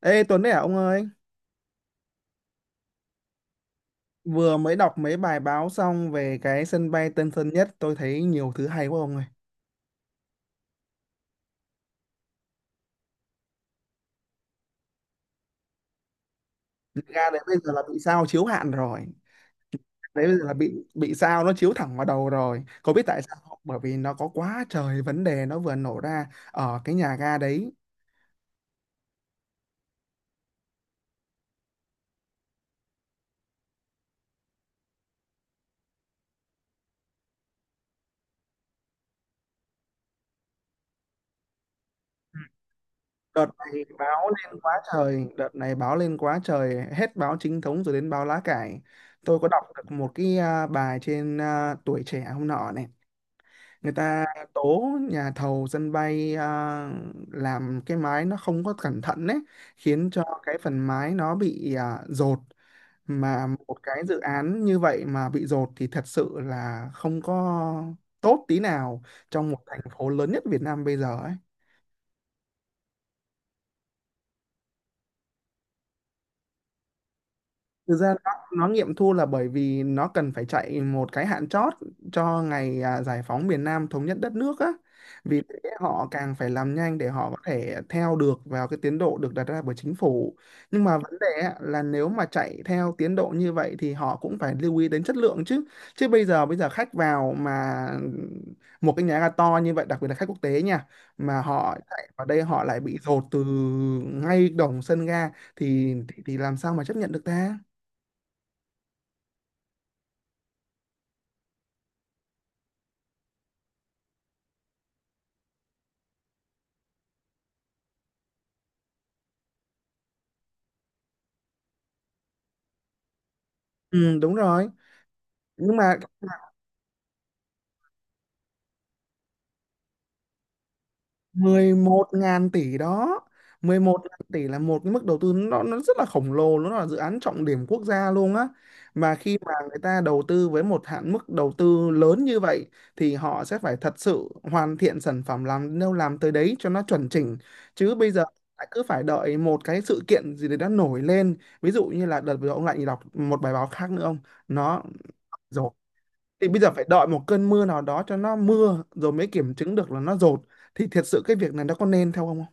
Ê Tuấn đấy à ông ơi, vừa mới đọc mấy bài báo xong về cái sân bay Tân Sơn Nhất, tôi thấy nhiều thứ hay quá ông ơi. Ga đấy bây giờ là bị sao chiếu hạn rồi. Đấy bây giờ là bị sao nó chiếu thẳng vào đầu rồi. Có biết tại sao không? Bởi vì nó có quá trời vấn đề nó vừa nổ ra ở cái nhà ga đấy. Đợt này báo lên quá trời, đợt này báo lên quá trời, hết báo chính thống rồi đến báo lá cải. Tôi có đọc được một cái bài trên Tuổi Trẻ hôm nọ này, người ta tố nhà thầu sân bay làm cái mái nó không có cẩn thận đấy, khiến cho cái phần mái nó bị dột. Mà một cái dự án như vậy mà bị dột thì thật sự là không có tốt tí nào, trong một thành phố lớn nhất Việt Nam bây giờ ấy. Thực ra nó nghiệm thu là bởi vì nó cần phải chạy một cái hạn chót cho ngày giải phóng miền Nam thống nhất đất nước á. Vì thế họ càng phải làm nhanh để họ có thể theo được vào cái tiến độ được đặt ra bởi chính phủ. Nhưng mà vấn đề á, là nếu mà chạy theo tiến độ như vậy thì họ cũng phải lưu ý đến chất lượng chứ. Chứ bây giờ khách vào mà một cái nhà ga to như vậy, đặc biệt là khách quốc tế nha, mà họ chạy vào đây họ lại bị dồn từ ngay đồng sân ga thì thì làm sao mà chấp nhận được ta? Ừ, đúng rồi. Nhưng mà mười một ngàn tỷ đó, 11 ngàn tỷ là một cái mức đầu tư nó rất là khổng lồ, nó là dự án trọng điểm quốc gia luôn á. Mà khi mà người ta đầu tư với một hạn mức đầu tư lớn như vậy thì họ sẽ phải thật sự hoàn thiện sản phẩm, làm đâu làm tới đấy cho nó chuẩn chỉnh. Chứ bây giờ lại cứ phải đợi một cái sự kiện gì đấy đã nổi lên, ví dụ như là đợt vừa ông lại đọc một bài báo khác nữa ông, nó thì bây giờ phải đợi một cơn mưa nào đó cho nó mưa rồi mới kiểm chứng được là nó dột, thì thiệt sự cái việc này nó có nên theo không?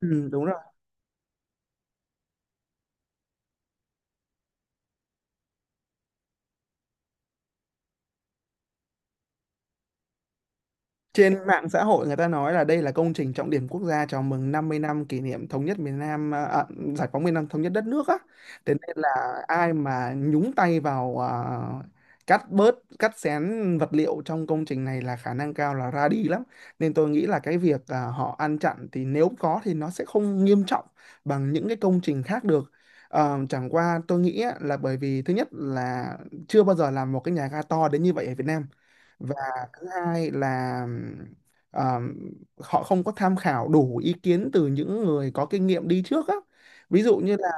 Ừ, đúng rồi. Trên mạng xã hội người ta nói là đây là công trình trọng điểm quốc gia chào mừng 50 năm kỷ niệm thống nhất miền Nam giải phóng miền Nam thống nhất đất nước á. Thế nên là ai mà nhúng tay vào cắt bớt, cắt xén vật liệu trong công trình này là khả năng cao là ra đi lắm. Nên tôi nghĩ là cái việc họ ăn chặn thì nếu có thì nó sẽ không nghiêm trọng bằng những cái công trình khác được. Ờ, chẳng qua tôi nghĩ á, là bởi vì thứ nhất là chưa bao giờ làm một cái nhà ga to đến như vậy ở Việt Nam, và thứ hai là ờ, họ không có tham khảo đủ ý kiến từ những người có kinh nghiệm đi trước á, ví dụ như là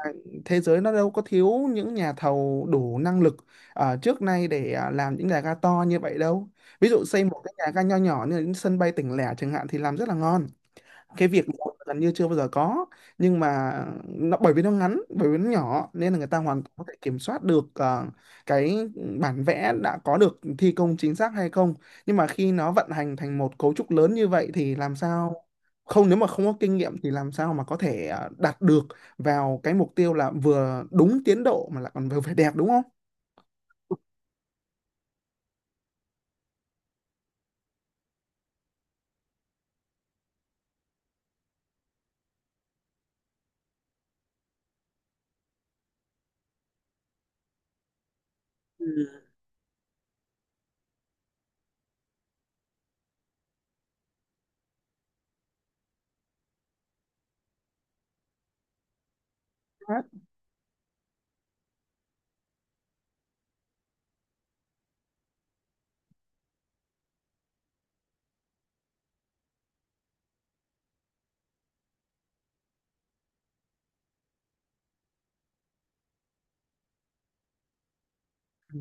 thế giới nó đâu có thiếu những nhà thầu đủ năng lực trước nay để làm những nhà ga to như vậy đâu. Ví dụ xây một cái nhà ga nho nhỏ như là những sân bay tỉnh lẻ chẳng hạn thì làm rất là ngon, cái việc gần như chưa bao giờ có. Nhưng mà nó bởi vì nó ngắn, bởi vì nó nhỏ, nên là người ta hoàn toàn có thể kiểm soát được cái bản vẽ đã có được thi công chính xác hay không. Nhưng mà khi nó vận hành thành một cấu trúc lớn như vậy thì làm sao không, nếu mà không có kinh nghiệm thì làm sao mà có thể đạt được vào cái mục tiêu là vừa đúng tiến độ mà lại còn vừa phải đẹp đúng không. Ừ. Ừ.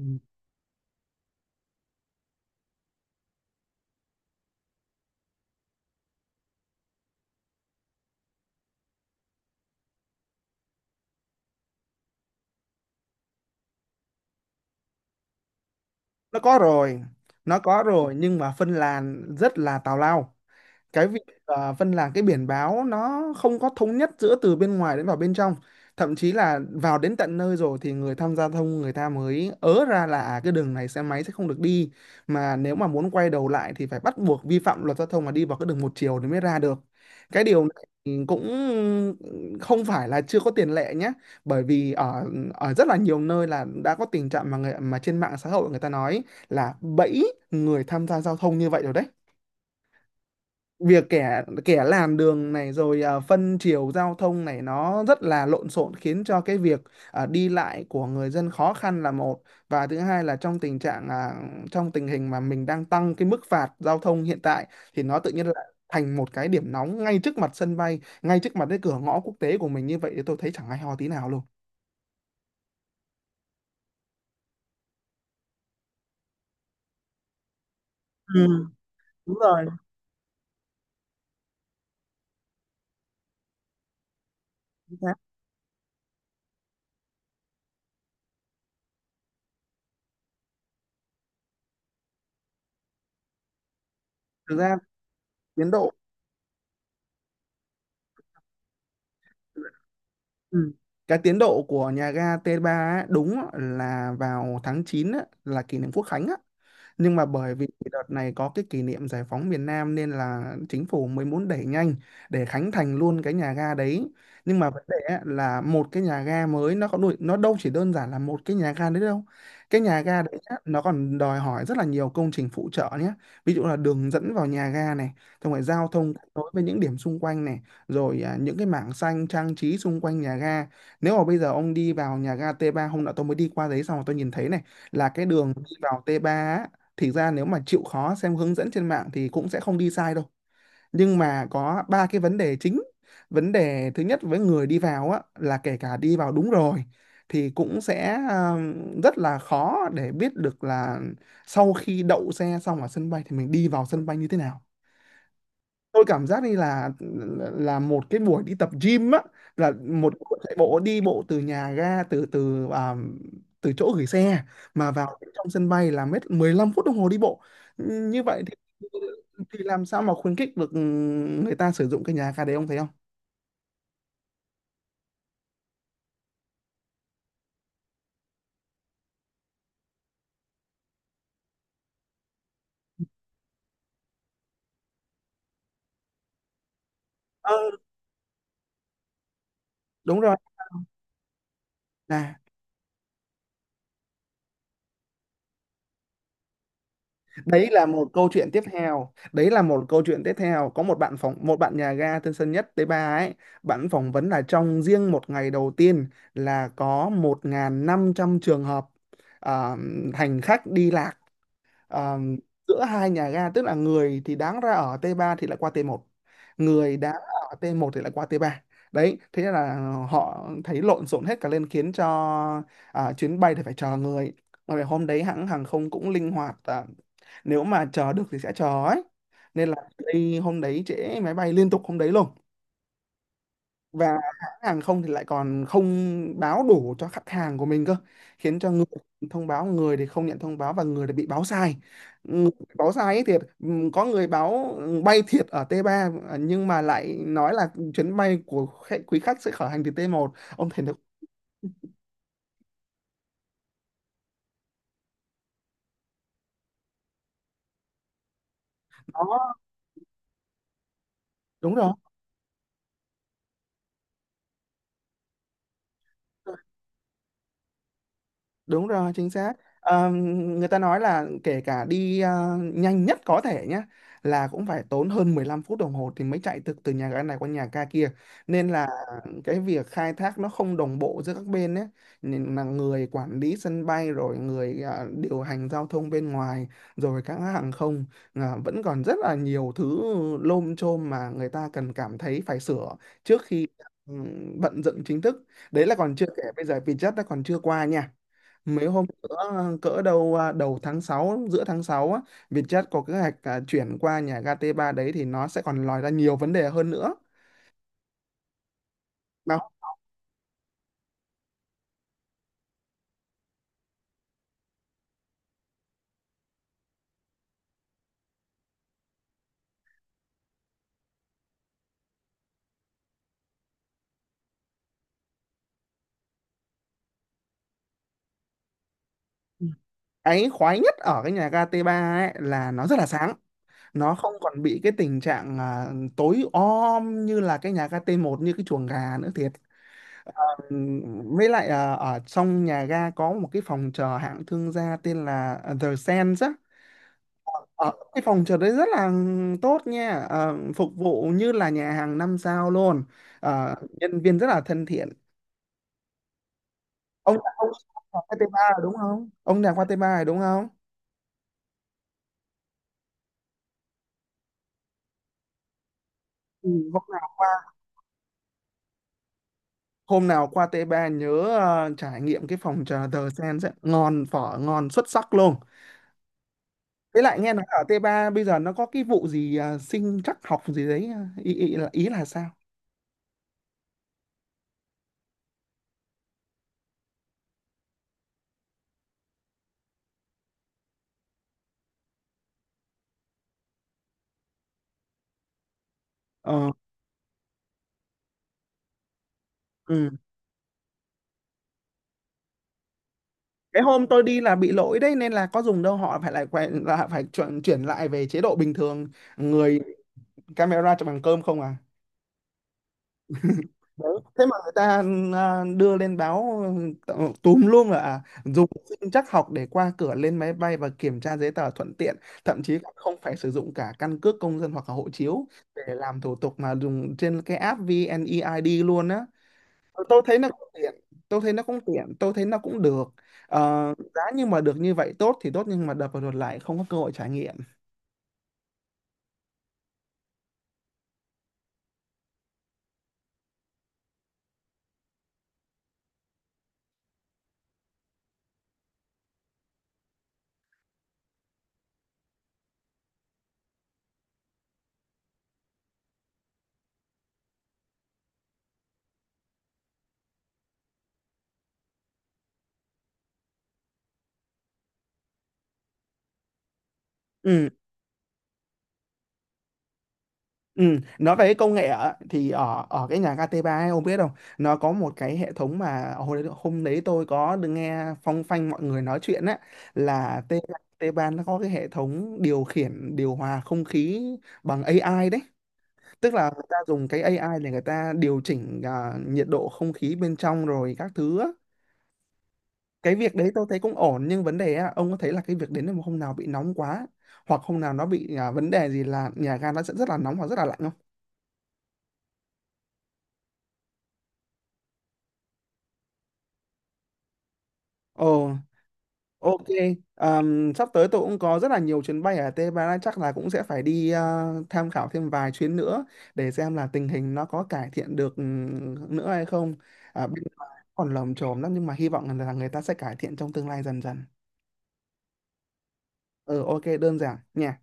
Nó có rồi, nó có rồi, nhưng mà phân làn rất là tào lao. Cái việc phân là cái biển báo nó không có thống nhất giữa từ bên ngoài đến vào bên trong, thậm chí là vào đến tận nơi rồi thì người tham gia giao thông người ta mới ớ ra là cái đường này xe máy sẽ không được đi, mà nếu mà muốn quay đầu lại thì phải bắt buộc vi phạm luật giao thông mà đi vào cái đường một chiều thì mới ra được. Cái điều này thì cũng không phải là chưa có tiền lệ nhé, bởi vì ở ở rất là nhiều nơi là đã có tình trạng mà người, mà trên mạng xã hội người ta nói là bẫy người tham gia giao thông như vậy rồi đấy. Việc kẻ kẻ làm đường này rồi phân chiều giao thông này nó rất là lộn xộn, khiến cho cái việc đi lại của người dân khó khăn là một, và thứ hai là trong tình trạng trong tình hình mà mình đang tăng cái mức phạt giao thông hiện tại, thì nó tự nhiên là thành một cái điểm nóng ngay trước mặt sân bay, ngay trước mặt cái cửa ngõ quốc tế của mình, như vậy thì tôi thấy chẳng hay ho tí nào luôn. Ừ, đúng rồi. Thực ra tiến độ. Ừ. Cái tiến độ của nhà ga T3 á, đúng á, là vào tháng 9 á, là kỷ niệm Quốc Khánh á, nhưng mà bởi vì đợt này có cái kỷ niệm giải phóng miền Nam nên là chính phủ mới muốn đẩy nhanh để khánh thành luôn cái nhà ga đấy. Nhưng mà vấn đề á là một cái nhà ga mới, nó có đuổi, nó đâu chỉ đơn giản là một cái nhà ga đấy đâu. Cái nhà ga đấy á, nó còn đòi hỏi rất là nhiều công trình phụ trợ nhé, ví dụ là đường dẫn vào nhà ga này, xong rồi giao thông kết nối với những điểm xung quanh này, rồi những cái mảng xanh trang trí xung quanh nhà ga. Nếu mà bây giờ ông đi vào nhà ga T3, hôm nọ tôi mới đi qua đấy xong rồi tôi nhìn thấy này, là cái đường đi vào T3, thì ra nếu mà chịu khó xem hướng dẫn trên mạng thì cũng sẽ không đi sai đâu. Nhưng mà có ba cái vấn đề chính. Vấn đề thứ nhất, với người đi vào á, là kể cả đi vào đúng rồi thì cũng sẽ rất là khó để biết được là sau khi đậu xe xong ở sân bay thì mình đi vào sân bay như thế nào. Tôi cảm giác như là một cái buổi đi tập gym á, là một buổi chạy bộ đi bộ từ nhà ga từ từ à, từ chỗ gửi xe mà vào trong sân bay là mất 15 phút đồng hồ đi bộ. Như vậy thì làm sao mà khuyến khích được người ta sử dụng cái nhà ga đấy ông thấy không? Ờ, đúng rồi. Là đấy là một câu chuyện tiếp theo, đấy là một câu chuyện tiếp theo. Có một bạn phỏng, một bạn nhà ga Tân Sơn Nhất t ba ấy, bạn phỏng vấn là trong riêng một ngày đầu tiên là có 1.500 trường hợp à, hành khách đi lạc. Ờ, giữa hai nhà ga, tức là người thì đáng ra ở T3 thì lại qua T1, người đáng ở T1 thì lại qua T3. Đấy, thế nên là họ thấy lộn xộn hết cả lên, khiến cho chuyến bay thì phải chờ người. Mà về hôm đấy hãng hàng không cũng linh hoạt nếu mà chờ được thì sẽ chờ ấy, nên là đi hôm đấy trễ máy bay liên tục hôm đấy luôn. Và hãng hàng không thì lại còn không báo đủ cho khách hàng của mình cơ, khiến cho người thông báo, người thì không nhận thông báo, và người thì bị báo sai. Người bị báo sai ấy thiệt có người báo bay thiệt ở t ba nhưng mà lại nói là chuyến bay của khách, quý khách sẽ khởi hành từ t một ông thấy được. Đó. Đúng rồi. Đúng rồi, chính xác. Ờ, người ta nói là kể cả đi nhanh nhất có thể nhé, là cũng phải tốn hơn 15 phút đồng hồ thì mới chạy từ từ nhà ga này qua nhà ga kia. Nên là cái việc khai thác nó không đồng bộ giữa các bên ấy. Nên là người quản lý sân bay rồi người điều hành giao thông bên ngoài, rồi các hãng hàng không vẫn còn rất là nhiều thứ lôm chôm mà người ta cần cảm thấy phải sửa trước khi ừ, vận dựng chính thức. Đấy là còn chưa kể bây giờ Vietjet đã còn chưa qua nha, mấy hôm cỡ đầu tháng 6, giữa tháng 6 á, Vietjet có kế hoạch chuyển qua nhà ga t ba đấy thì nó sẽ còn lòi ra nhiều vấn đề hơn nữa mà. Cái khoái nhất ở cái nhà ga t ba ấy là nó rất là sáng, nó không còn bị cái tình trạng tối om như là cái nhà ga t một như cái chuồng gà nữa thiệt. Ừm, với lại ở trong nhà ga có một cái phòng chờ hạng thương gia tên là The Sands á. Ờ, cái phòng trượt đấy rất là tốt nha. Ờ, Phục vụ như là nhà hàng 5 sao luôn. Nhân viên rất là thân thiện. Ông là qua t ba rồi đúng không? Ông là qua t ba rồi đúng không? Ừ, Hôm nào qua, t ba nhớ trải nghiệm cái phòng trà The Sen sẽ ngon, phở ngon xuất sắc luôn. Với lại nghe nói ở t ba bây giờ nó có cái vụ gì sinh trắc học gì đấy, ý là sao? ờ ừ. Cái hôm tôi đi là bị lỗi đấy nên là có dùng đâu, họ phải lại quay là phải chuyển chuyển lại về chế độ bình thường, người camera cho bằng cơm không à. Đấy. Thế mà người ta đưa lên báo, ừ, túm luôn là dùng sinh trắc học để qua cửa lên máy bay và kiểm tra giấy tờ thuận tiện, thậm chí còn không phải sử dụng cả căn cước công dân hoặc là hộ chiếu để làm thủ tục mà dùng trên cái app VNeID luôn á. Tôi thấy nó cũng tiện, tôi thấy nó cũng được. Giá nhưng mà được như vậy tốt thì tốt nhưng mà đập vào đột lại không có cơ hội trải nghiệm. Ừ, ừ, nói về cái công nghệ á, thì ở ở cái nhà KT3 ấy, ông biết không, nó có một cái hệ thống mà hồi đấy, hôm đấy tôi có được nghe phong phanh mọi người nói chuyện á, là T3 nó có cái hệ thống điều khiển điều hòa không khí bằng AI đấy, tức là người ta dùng cái AI để người ta điều chỉnh nhiệt độ không khí bên trong rồi các thứ á. Cái việc đấy tôi thấy cũng ổn nhưng vấn đề á, ông có thấy là cái việc đến một hôm nào bị nóng quá hoặc hôm nào nó bị vấn đề gì là nhà ga nó sẽ rất là nóng hoặc rất là lạnh không? Ồ, ok. Sắp tới tôi cũng có rất là nhiều chuyến bay ở Tây Ban Nha chắc là cũng sẽ phải đi tham khảo thêm vài chuyến nữa để xem là tình hình nó có cải thiện được nữa hay không. À, bên ngoài còn lởm chởm lắm nhưng mà hy vọng là người ta sẽ cải thiện trong tương lai dần dần. Ừ, ok, đơn giản nha.